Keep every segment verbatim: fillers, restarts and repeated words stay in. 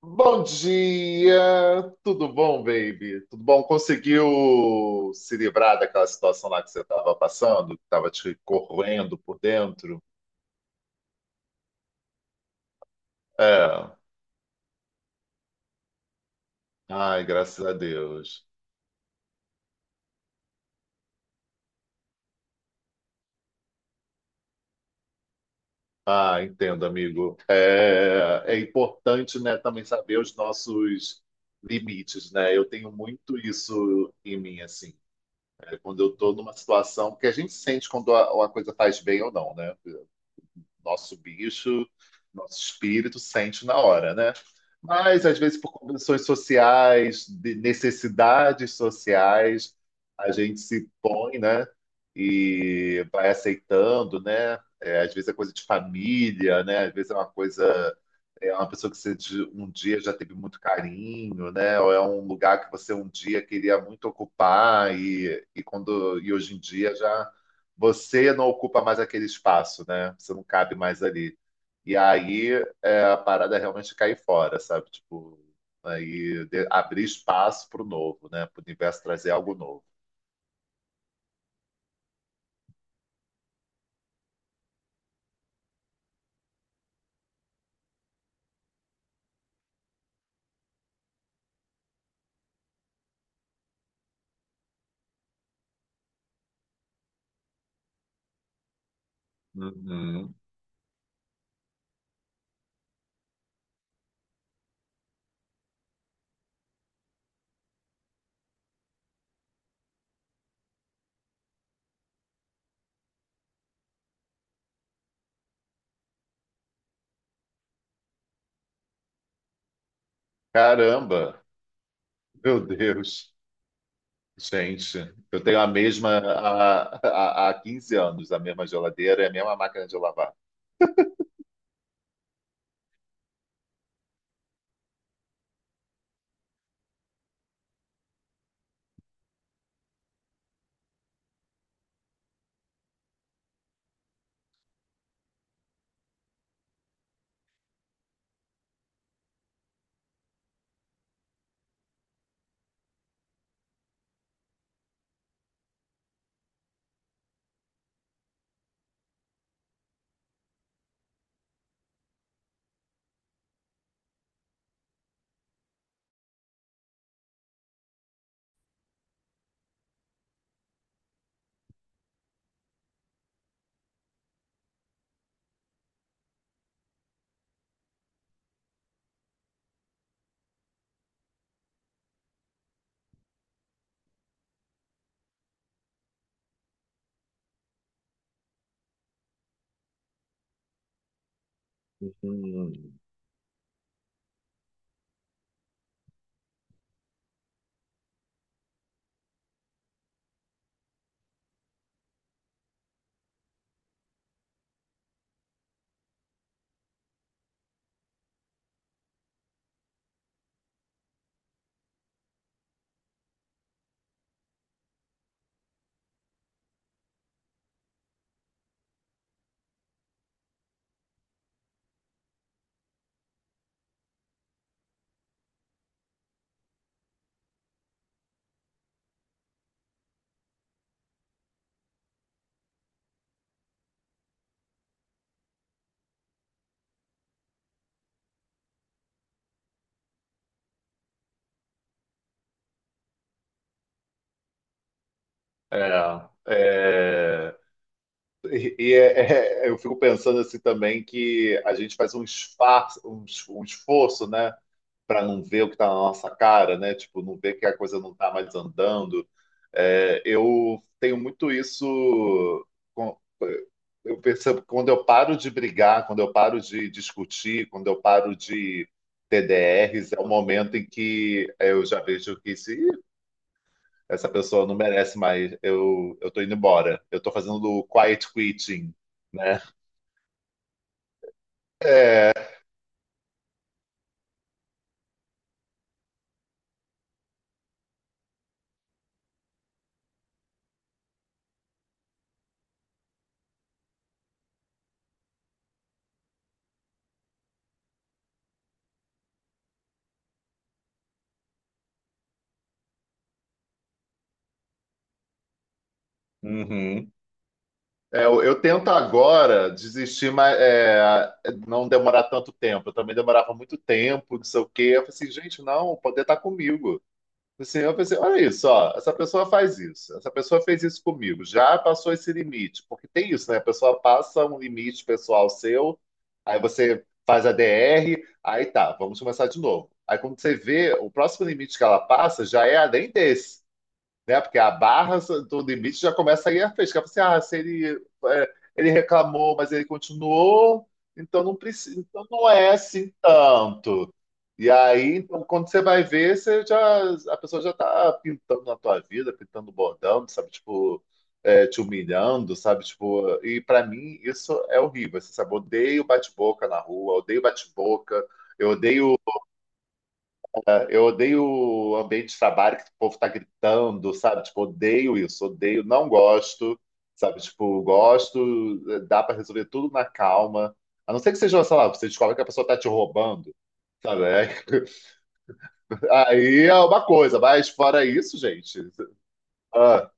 Bom dia, tudo bom, baby? Tudo bom? Conseguiu se livrar daquela situação lá que você estava passando, que estava te corroendo por dentro? É, ai, graças a Deus. Ah, entendo, amigo. É, é importante, né, também saber os nossos limites, né? Eu tenho muito isso em mim, assim, né? Quando eu estou numa situação que a gente sente quando a, a coisa faz bem ou não, né? Nosso bicho, nosso espírito sente na hora, né? Mas às vezes por condições sociais, de necessidades sociais, a gente se põe, né? E vai aceitando, né? É, às vezes é coisa de família, né? Às vezes é uma coisa, é uma pessoa que você de- um dia já teve muito carinho, né? Ou é um lugar que você um dia queria muito ocupar e, e quando e hoje em dia já você não ocupa mais aquele espaço, né? Você não cabe mais ali. E aí é, a parada é realmente cair fora, sabe? Tipo, aí de- abrir espaço para o novo, né? Para o universo trazer algo novo. Uhum. Caramba, meu Deus. Gente, eu tenho a mesma há, há, há quinze anos, a mesma geladeira e a mesma máquina de lavar. Hum. É, é... E, e é- é- eu fico pensando assim também que a gente faz um esforço, um, es- um esforço, né, para não ver o que está na nossa cara, né? Tipo, não ver que a coisa não está mais andando. É, eu tenho muito isso. com- eu percebo que quando eu paro de brigar, quando eu paro de discutir, quando eu paro de T D Rs, é o momento em que eu já vejo que se "Ih, essa pessoa não merece mais, eu eu estou indo embora. Eu estou fazendo o quiet quitting, né? Uhum. É, eu, eu tento agora desistir, mas é, não demorar tanto tempo. Eu também demorava muito tempo, não sei o quê. Eu falei assim, gente, não, poder estar comigo. Assim, eu pensei, olha isso, ó, essa pessoa faz isso, essa pessoa fez isso comigo, já passou esse limite, porque tem isso, né? A pessoa passa um limite pessoal seu, aí você faz a D R, aí tá, vamos começar de novo. Aí quando você vê, o próximo limite que ela passa já é além desse, né? Porque a barra do limite já começa aí a fresca. Você, ah, se ele, é, ele reclamou, mas ele continuou, então não precisa, então não é assim tanto. E aí, então, quando você vai ver, você já, a pessoa já tá pintando na tua vida, pintando bordão, sabe? Tipo, é, te humilhando, sabe? Tipo, e para mim isso é horrível, você sabe? Eu odeio bate-boca na rua, eu odeio bate-boca, eu odeio eu odeio o ambiente de trabalho que o povo tá gritando, sabe? Tipo, odeio isso, odeio, não gosto, sabe? Tipo, gosto, eh, dá pra resolver tudo na calma. A não ser que seja, sei lá, você descobre que a pessoa tá te roubando, sabe? Aí aí é uma coisa, mas fora isso, gente, ah,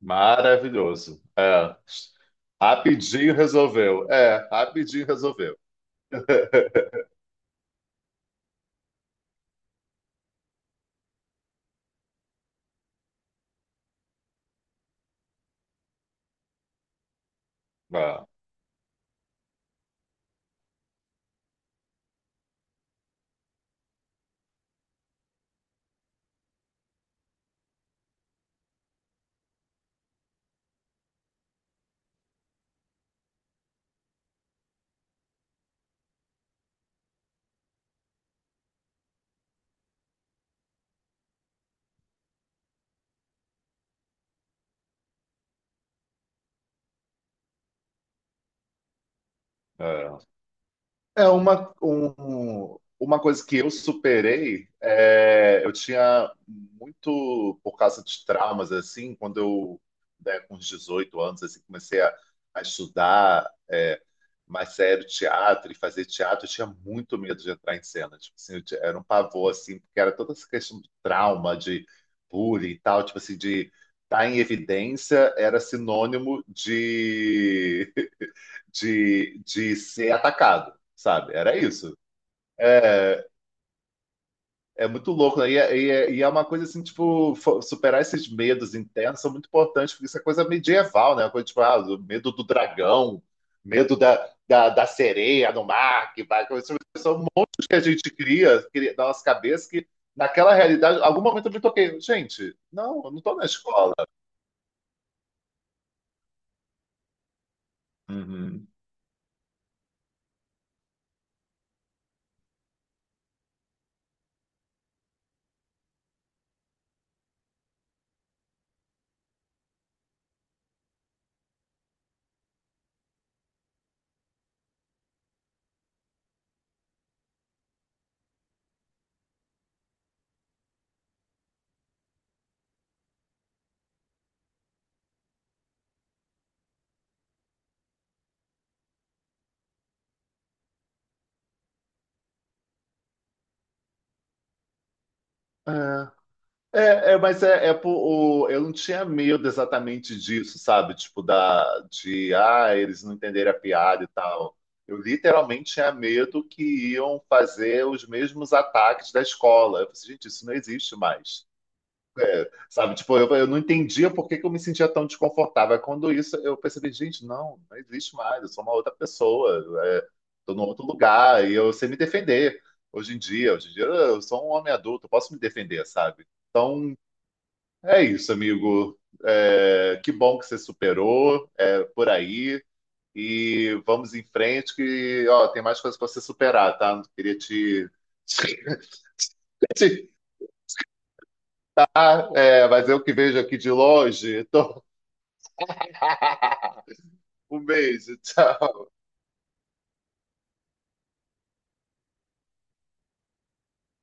maravilhoso. É. Rapidinho resolveu. É, rapidinho resolveu. É, é. É uma, um- uma coisa que eu superei, é, eu tinha muito, por causa de traumas, assim, quando eu, né, com uns dezoito anos, assim, comecei a, a estudar é, mais sério teatro e fazer teatro, eu tinha muito medo de entrar em cena, tipo assim, eu tinha- era um pavor, assim, porque era toda essa questão do trauma, de bullying e tal, tipo assim, de estar em evidência era sinônimo de de, de ser atacado, sabe? Era isso. É, é muito louco, né? E, é- e, é- e é uma coisa assim, tipo, fo- superar esses medos internos são muito importantes, porque isso é coisa medieval, né? Uma coisa, tipo, ah, o medo do dragão, medo da, da, da sereia no mar, que vai. São músicas que a gente cria, cria na nossa cabeça, que naquela realidade, em algum momento eu me toquei, gente, não, eu não tô na escola. Uhum. É. É, é, mas é, é por- o, eu não tinha medo exatamente disso, sabe? Tipo, da, de, ah, eles não entenderem a piada e tal. Eu literalmente tinha medo que iam fazer os mesmos ataques da escola. Eu falei, gente, isso não existe mais. Sabe? Tipo, eu, eu não entendia por que que eu me sentia tão desconfortável. Aí quando isso, eu percebi, gente, não, não existe mais. Eu sou uma outra pessoa. É, tô num outro lugar e eu sei me defender. Hoje em dia, hoje em dia, eu sou um homem adulto, eu posso me defender, sabe? Então, é isso, amigo. É, que bom que você superou, é, por aí. E vamos em frente, que ó, tem mais coisas para você superar, tá? Não queria te. te dar, é, mas eu que vejo aqui de longe. tô- Um beijo, tchau.